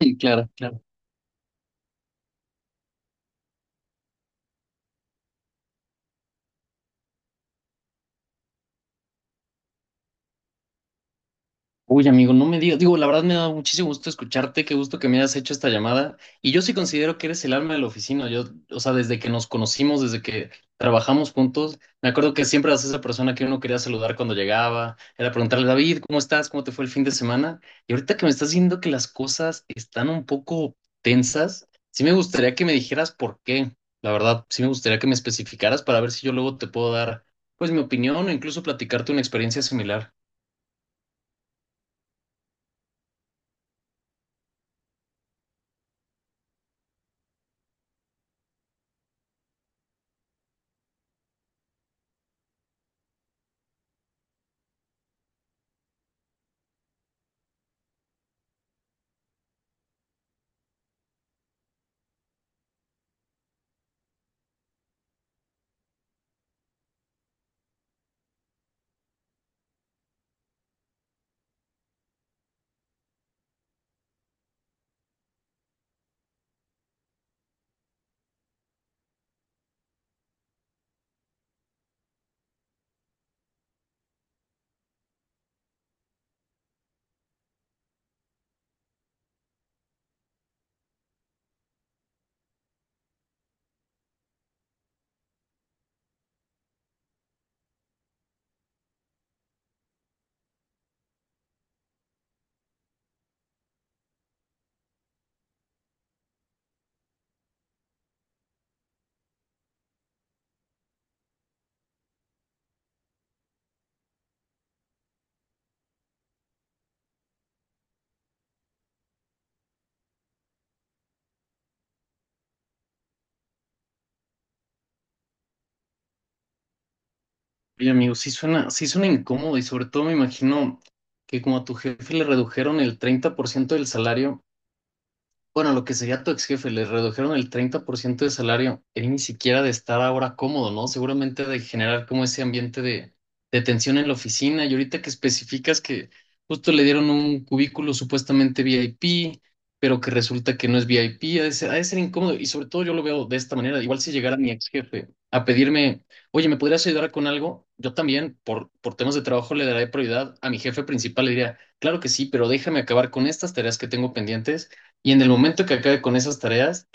Sí, claro, claro. Uy, amigo, no me digas. Digo, la verdad me da muchísimo gusto escucharte, qué gusto que me hayas hecho esta llamada. Y yo sí considero que eres el alma de la oficina. Yo, o sea, desde que nos conocimos, desde que trabajamos juntos, me acuerdo que siempre eras esa persona que uno quería saludar cuando llegaba, era preguntarle: David, ¿cómo estás? ¿Cómo te fue el fin de semana? Y ahorita que me estás diciendo que las cosas están un poco tensas, sí me gustaría que me dijeras por qué. La verdad, sí me gustaría que me especificaras para ver si yo luego te puedo dar, pues, mi opinión o incluso platicarte una experiencia similar. Oye, amigo, sí suena incómodo, y sobre todo me imagino que como a tu jefe le redujeron el 30% del salario, bueno, lo que sería tu ex jefe, le redujeron el 30% de salario. Él ni siquiera de estar ahora cómodo, ¿no? Seguramente de generar como ese ambiente de tensión en la oficina. Y ahorita que especificas que justo le dieron un cubículo supuestamente VIP, pero que resulta que no es VIP, ha de ser incómodo. Y sobre todo yo lo veo de esta manera. Igual si llegara mi ex jefe a pedirme, oye, ¿me podrías ayudar con algo? Yo también, por temas de trabajo, le daré prioridad a mi jefe principal. Le diría, claro que sí, pero déjame acabar con estas tareas que tengo pendientes, y en el momento que acabe con esas tareas,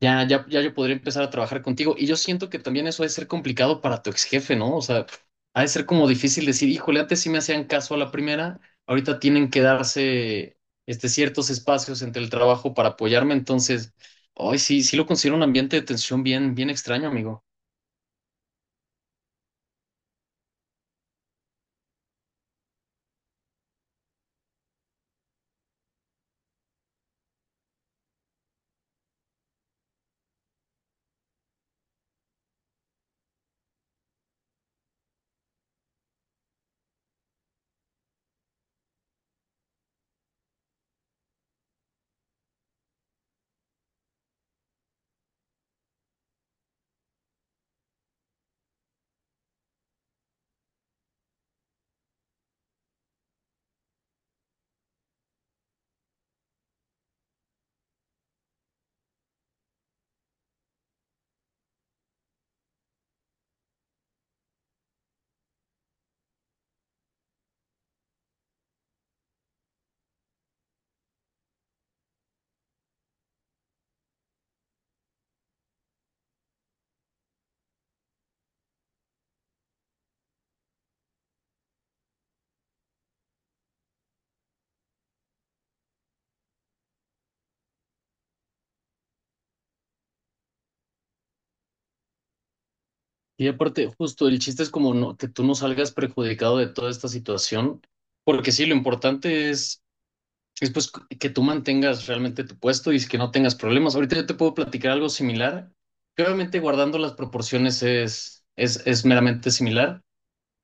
ya, ya, ya yo podría empezar a trabajar contigo. Y yo siento que también eso ha de ser complicado para tu ex jefe, ¿no? O sea, ha de ser como difícil decir, híjole, antes sí me hacían caso a la primera, ahorita tienen que darse este, ciertos espacios entre el trabajo para apoyarme. Entonces, hoy sí, sí lo considero un ambiente de tensión bien, bien extraño, amigo. Y aparte, justo el chiste es como no, que tú no salgas perjudicado de toda esta situación, porque sí, lo importante es pues que tú mantengas realmente tu puesto y que no tengas problemas. Ahorita yo te puedo platicar algo similar, que obviamente guardando las proporciones es, es meramente similar,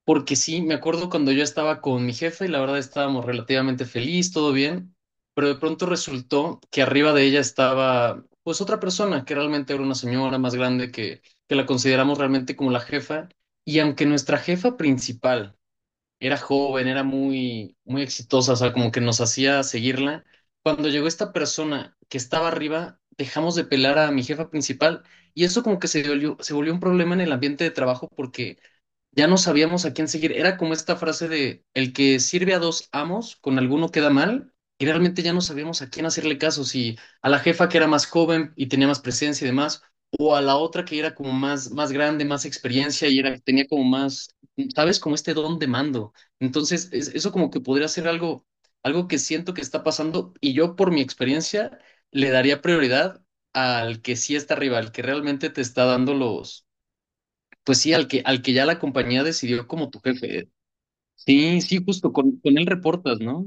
porque sí, me acuerdo cuando yo estaba con mi jefe y la verdad estábamos relativamente feliz, todo bien, pero de pronto resultó que arriba de ella estaba pues otra persona, que realmente era una señora más grande que la consideramos realmente como la jefa, y aunque nuestra jefa principal era joven, era muy, muy exitosa, o sea, como que nos hacía seguirla. Cuando llegó esta persona que estaba arriba, dejamos de pelar a mi jefa principal, y eso como que se volvió un problema en el ambiente de trabajo porque ya no sabíamos a quién seguir. Era como esta frase de el que sirve a dos amos, con alguno queda mal, y realmente ya no sabíamos a quién hacerle caso, si a la jefa que era más joven y tenía más presencia y demás, o a la otra que era como más, más grande, más experiencia y era, tenía como más, ¿sabes? Como este don de mando. Entonces, eso como que podría ser algo, algo que siento que está pasando, y yo por mi experiencia le daría prioridad al que sí está arriba, al que realmente te está dando los pues sí, al que ya la compañía decidió como tu jefe. Sí, sí, justo con él reportas, ¿no?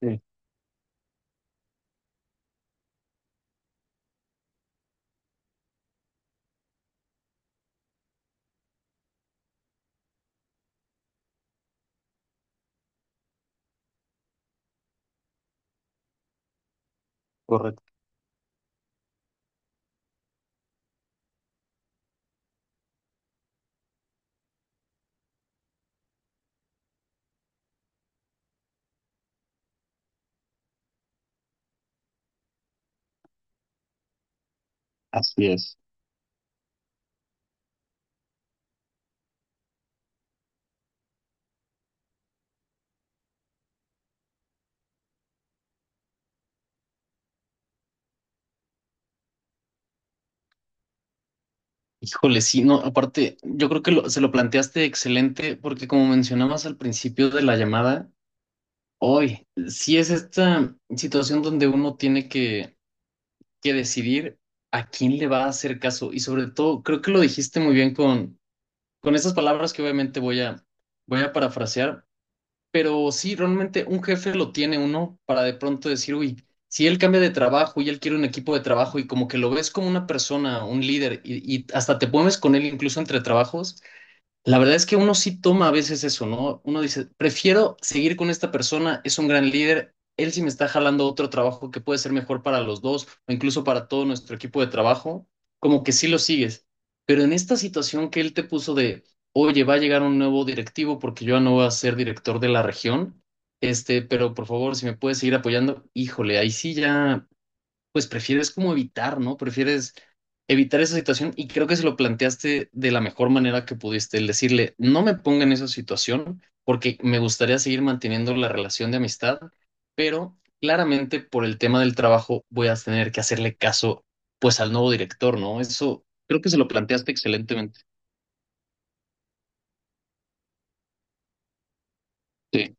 Sí, correcto. Así es. Híjole, sí, no, aparte, yo creo que se lo planteaste excelente, porque como mencionabas al principio de la llamada, hoy sí es esta situación donde uno tiene que decidir a quién le va a hacer caso. Y sobre todo, creo que lo dijiste muy bien con estas palabras que obviamente voy a, voy a parafrasear. Pero sí, realmente un jefe lo tiene uno para de pronto decir, uy, si él cambia de trabajo y él quiere un equipo de trabajo, y como que lo ves como una persona, un líder, y hasta te pones con él incluso entre trabajos, la verdad es que uno sí toma a veces eso, ¿no? Uno dice, prefiero seguir con esta persona, es un gran líder, él sí me está jalando otro trabajo que puede ser mejor para los dos o incluso para todo nuestro equipo de trabajo, como que sí lo sigues. Pero en esta situación que él te puso de, oye, va a llegar un nuevo directivo porque yo ya no voy a ser director de la región, este, pero por favor, si me puedes seguir apoyando, híjole, ahí sí ya pues prefieres como evitar, ¿no? Prefieres evitar esa situación, y creo que se lo planteaste de la mejor manera que pudiste, el decirle, no me ponga en esa situación porque me gustaría seguir manteniendo la relación de amistad, pero claramente por el tema del trabajo voy a tener que hacerle caso pues al nuevo director, ¿no? Eso creo que se lo planteaste excelentemente. Sí,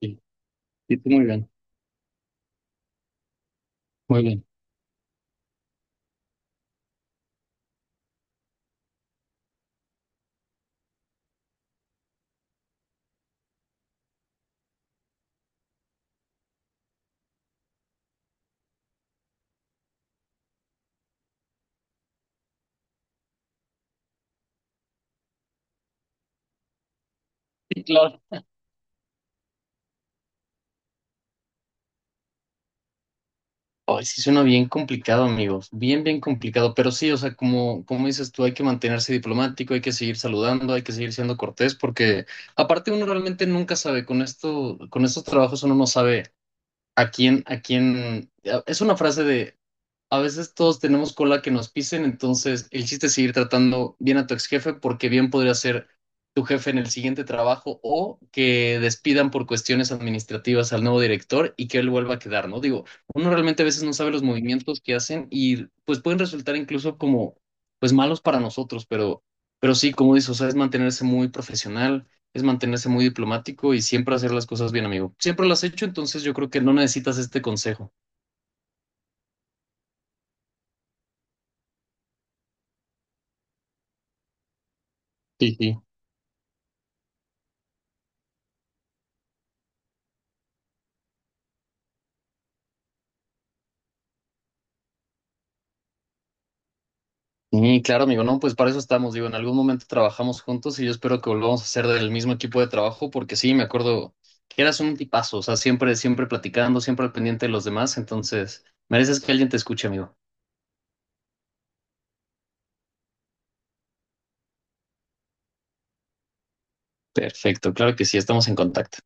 sí, sí, muy bien, muy bien. Sí, claro. Ay, sí suena bien complicado, amigos. Bien, bien complicado. Pero sí, o sea, como, como dices tú, hay que mantenerse diplomático, hay que seguir saludando, hay que seguir siendo cortés, porque aparte uno realmente nunca sabe, con esto, con estos trabajos uno no sabe a quién, a quién. Es una frase de a veces todos tenemos cola que nos pisen, entonces el chiste es seguir tratando bien a tu ex jefe porque bien podría ser tu jefe en el siguiente trabajo, o que despidan por cuestiones administrativas al nuevo director y que él vuelva a quedar, ¿no? Digo, uno realmente a veces no sabe los movimientos que hacen y pues pueden resultar incluso como pues malos para nosotros, pero sí, como dices, o sea, es mantenerse muy profesional, es mantenerse muy diplomático y siempre hacer las cosas bien, amigo. Siempre las has hecho, entonces yo creo que no necesitas este consejo. Sí, sí. Sí, claro, amigo, no, pues para eso estamos, digo, en algún momento trabajamos juntos y yo espero que volvamos a ser del mismo equipo de trabajo, porque sí, me acuerdo que eras un tipazo, o sea, siempre, siempre platicando, siempre al pendiente de los demás, entonces mereces que alguien te escuche, amigo. Perfecto, claro que sí, estamos en contacto.